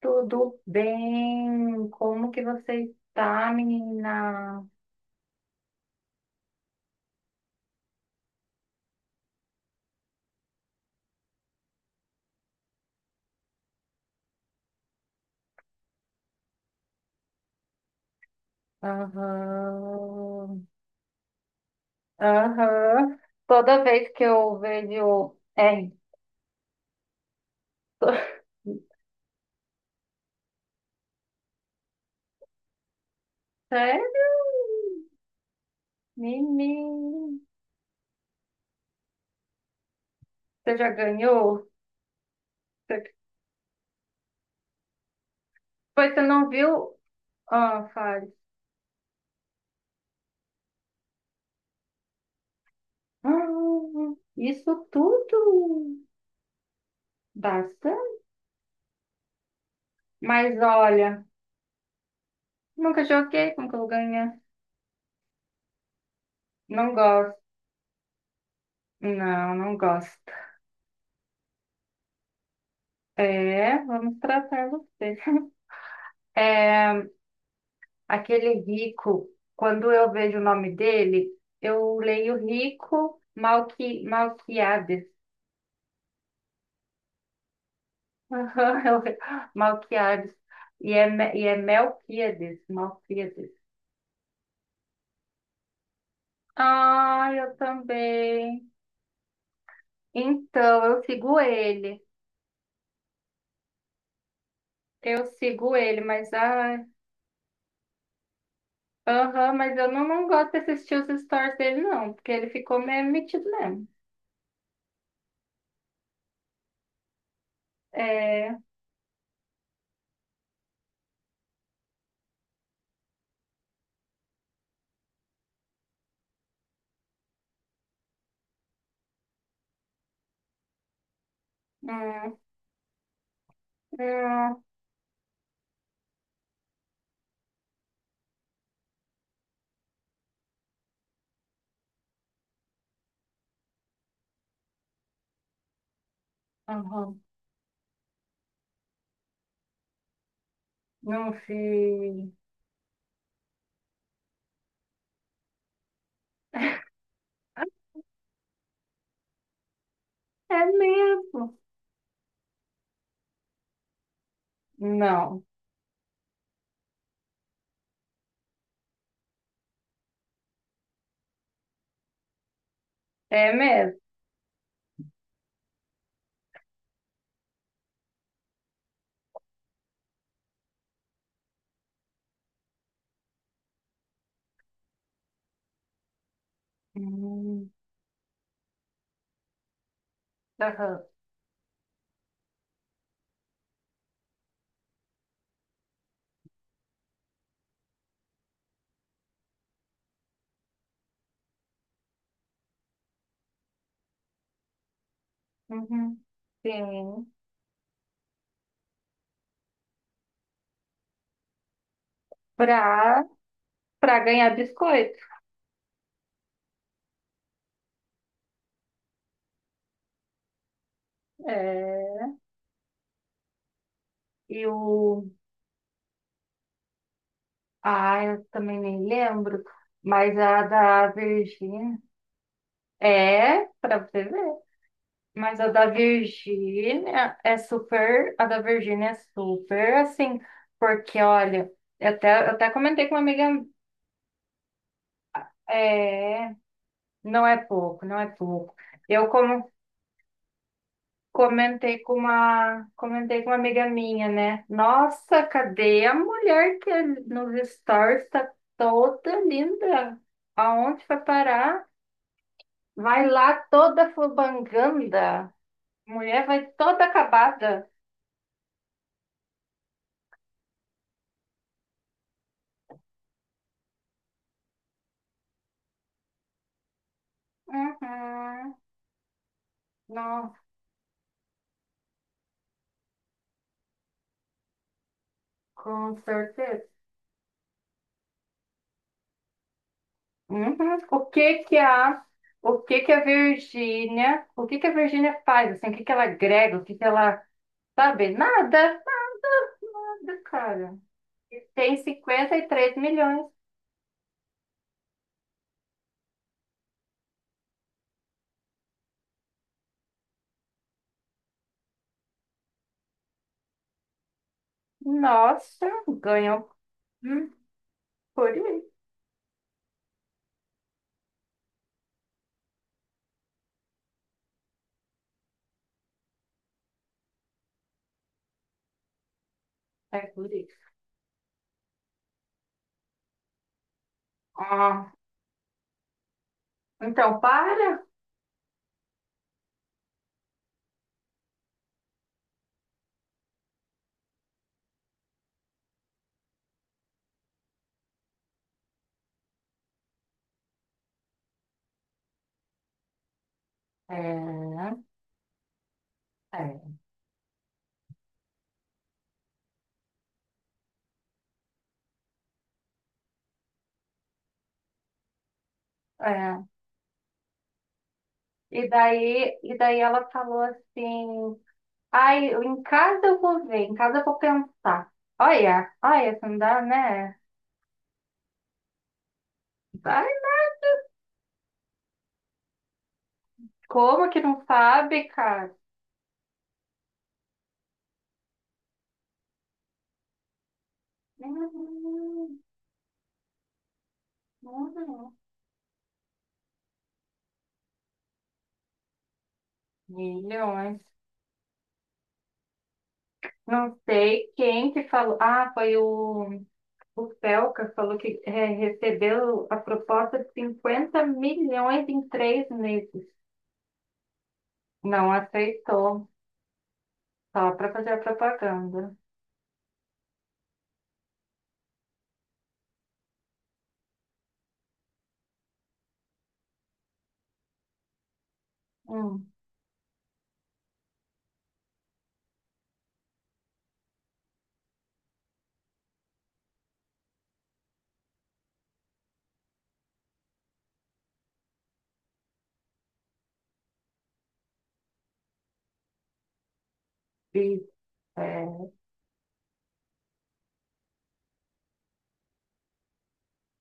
Tudo bem? Como que você está, menina? Aham. Aham. Toda vez que eu vejo. É. to- Sério? Menina. Você já ganhou? Você- Pois você não viu? Ah, faz. Ah, isso tudo. Basta. Mas olha, nunca joguei, como que eu vou ganhar. Não gosto. Não, não gosto. É, vamos tratar você. é Aquele rico, quando eu vejo o nome dele, eu leio Rico Malqui, Malquiades. Aham. Malquiades. E é Melquiades, Malquiades. Ah, eu também. Então, eu sigo ele. Eu sigo ele, mas ai. Aham, mas eu não gosto de assistir os stories dele, não, porque ele ficou meio metido mesmo. É. Hum, hum, aham. Não fiz. É mesmo. Não, é mesmo. Hum. Aham. Uhum. Sim. Pra, pra ganhar biscoito. É. E o. Ah, eu também nem lembro. Mas a da Virgínia. É, pra você ver. Mas a da Virgínia é super. A da Virgínia é super assim. Porque, olha, eu até comentei com uma amiga. É. Não é pouco, não é pouco. Eu como comentei com uma amiga minha, né? Nossa, cadê a mulher que é nos stories está toda linda? Aonde vai parar? Vai lá toda fubanganda. Mulher vai toda acabada. Uhum. Não, com certeza. Uhum. O que que a o que que a Virgínia, o que que a Virgínia faz assim? O que que ela agrega? O que que ela, sabe? Nada. Cara, e tem 53 milhões. Nossa, ganhou. Hum, por isso. É por isso. Ah, então, para. É, é, é. E daí ela falou assim: ai, eu- em casa eu vou ver, em casa eu vou pensar. Olha, olha, isso não dá, né? Ai, como que não sabe, cara? Hum, hum, Milhões. Não sei quem que falou. Ah, foi o. O Felca falou que recebeu a proposta de 50 milhões em 3 meses. Não aceitou, só para fazer a propaganda. Hum, e, é,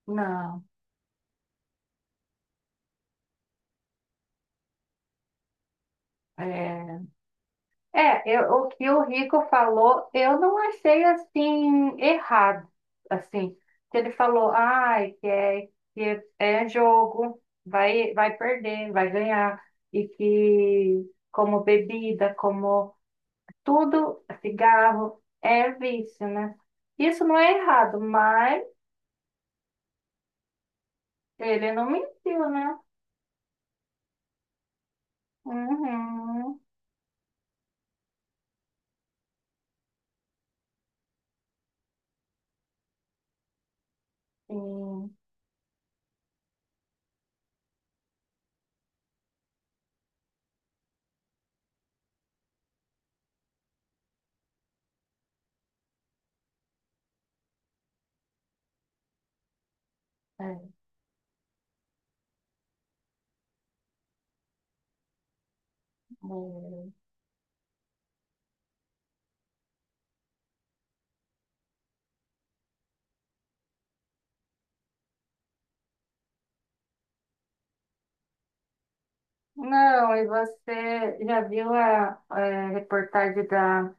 não. É, é, eu- o que o Rico falou, eu não achei assim errado. Assim, que ele falou, ai, que é é jogo, vai, vai perder, vai ganhar. E que como bebida, como tudo, cigarro, é vício, né? Isso não é errado, mas ele não mentiu, né? Uhum, sim. É, é. Não, e você já viu a, reportagem da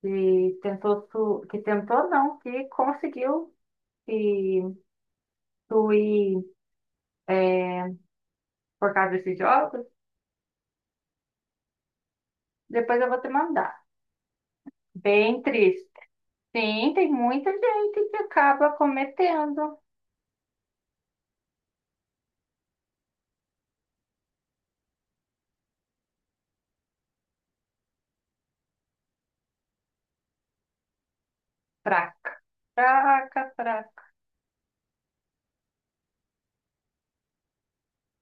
que tentou, que conseguiu se suir é, por causa desses jogos? Depois eu vou te mandar. Bem triste. Sim, tem muita gente que acaba cometendo. Fraca. Fraca.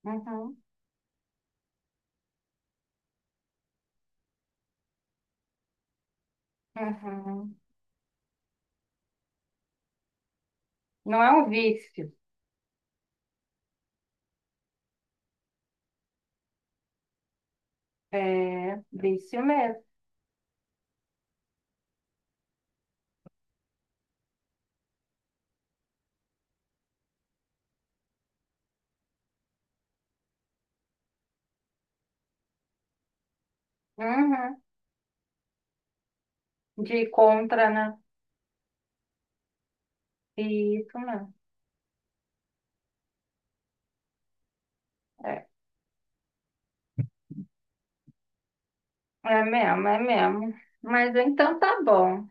Uhum, uhum. Não é um vício. É vício mesmo. Uhum. De ir contra, né? Isso mesmo. É, é mesmo, é mesmo. Mas então tá bom.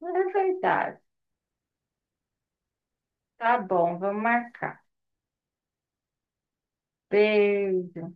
Mas é verdade. Tá bom, vamos marcar. Beijo.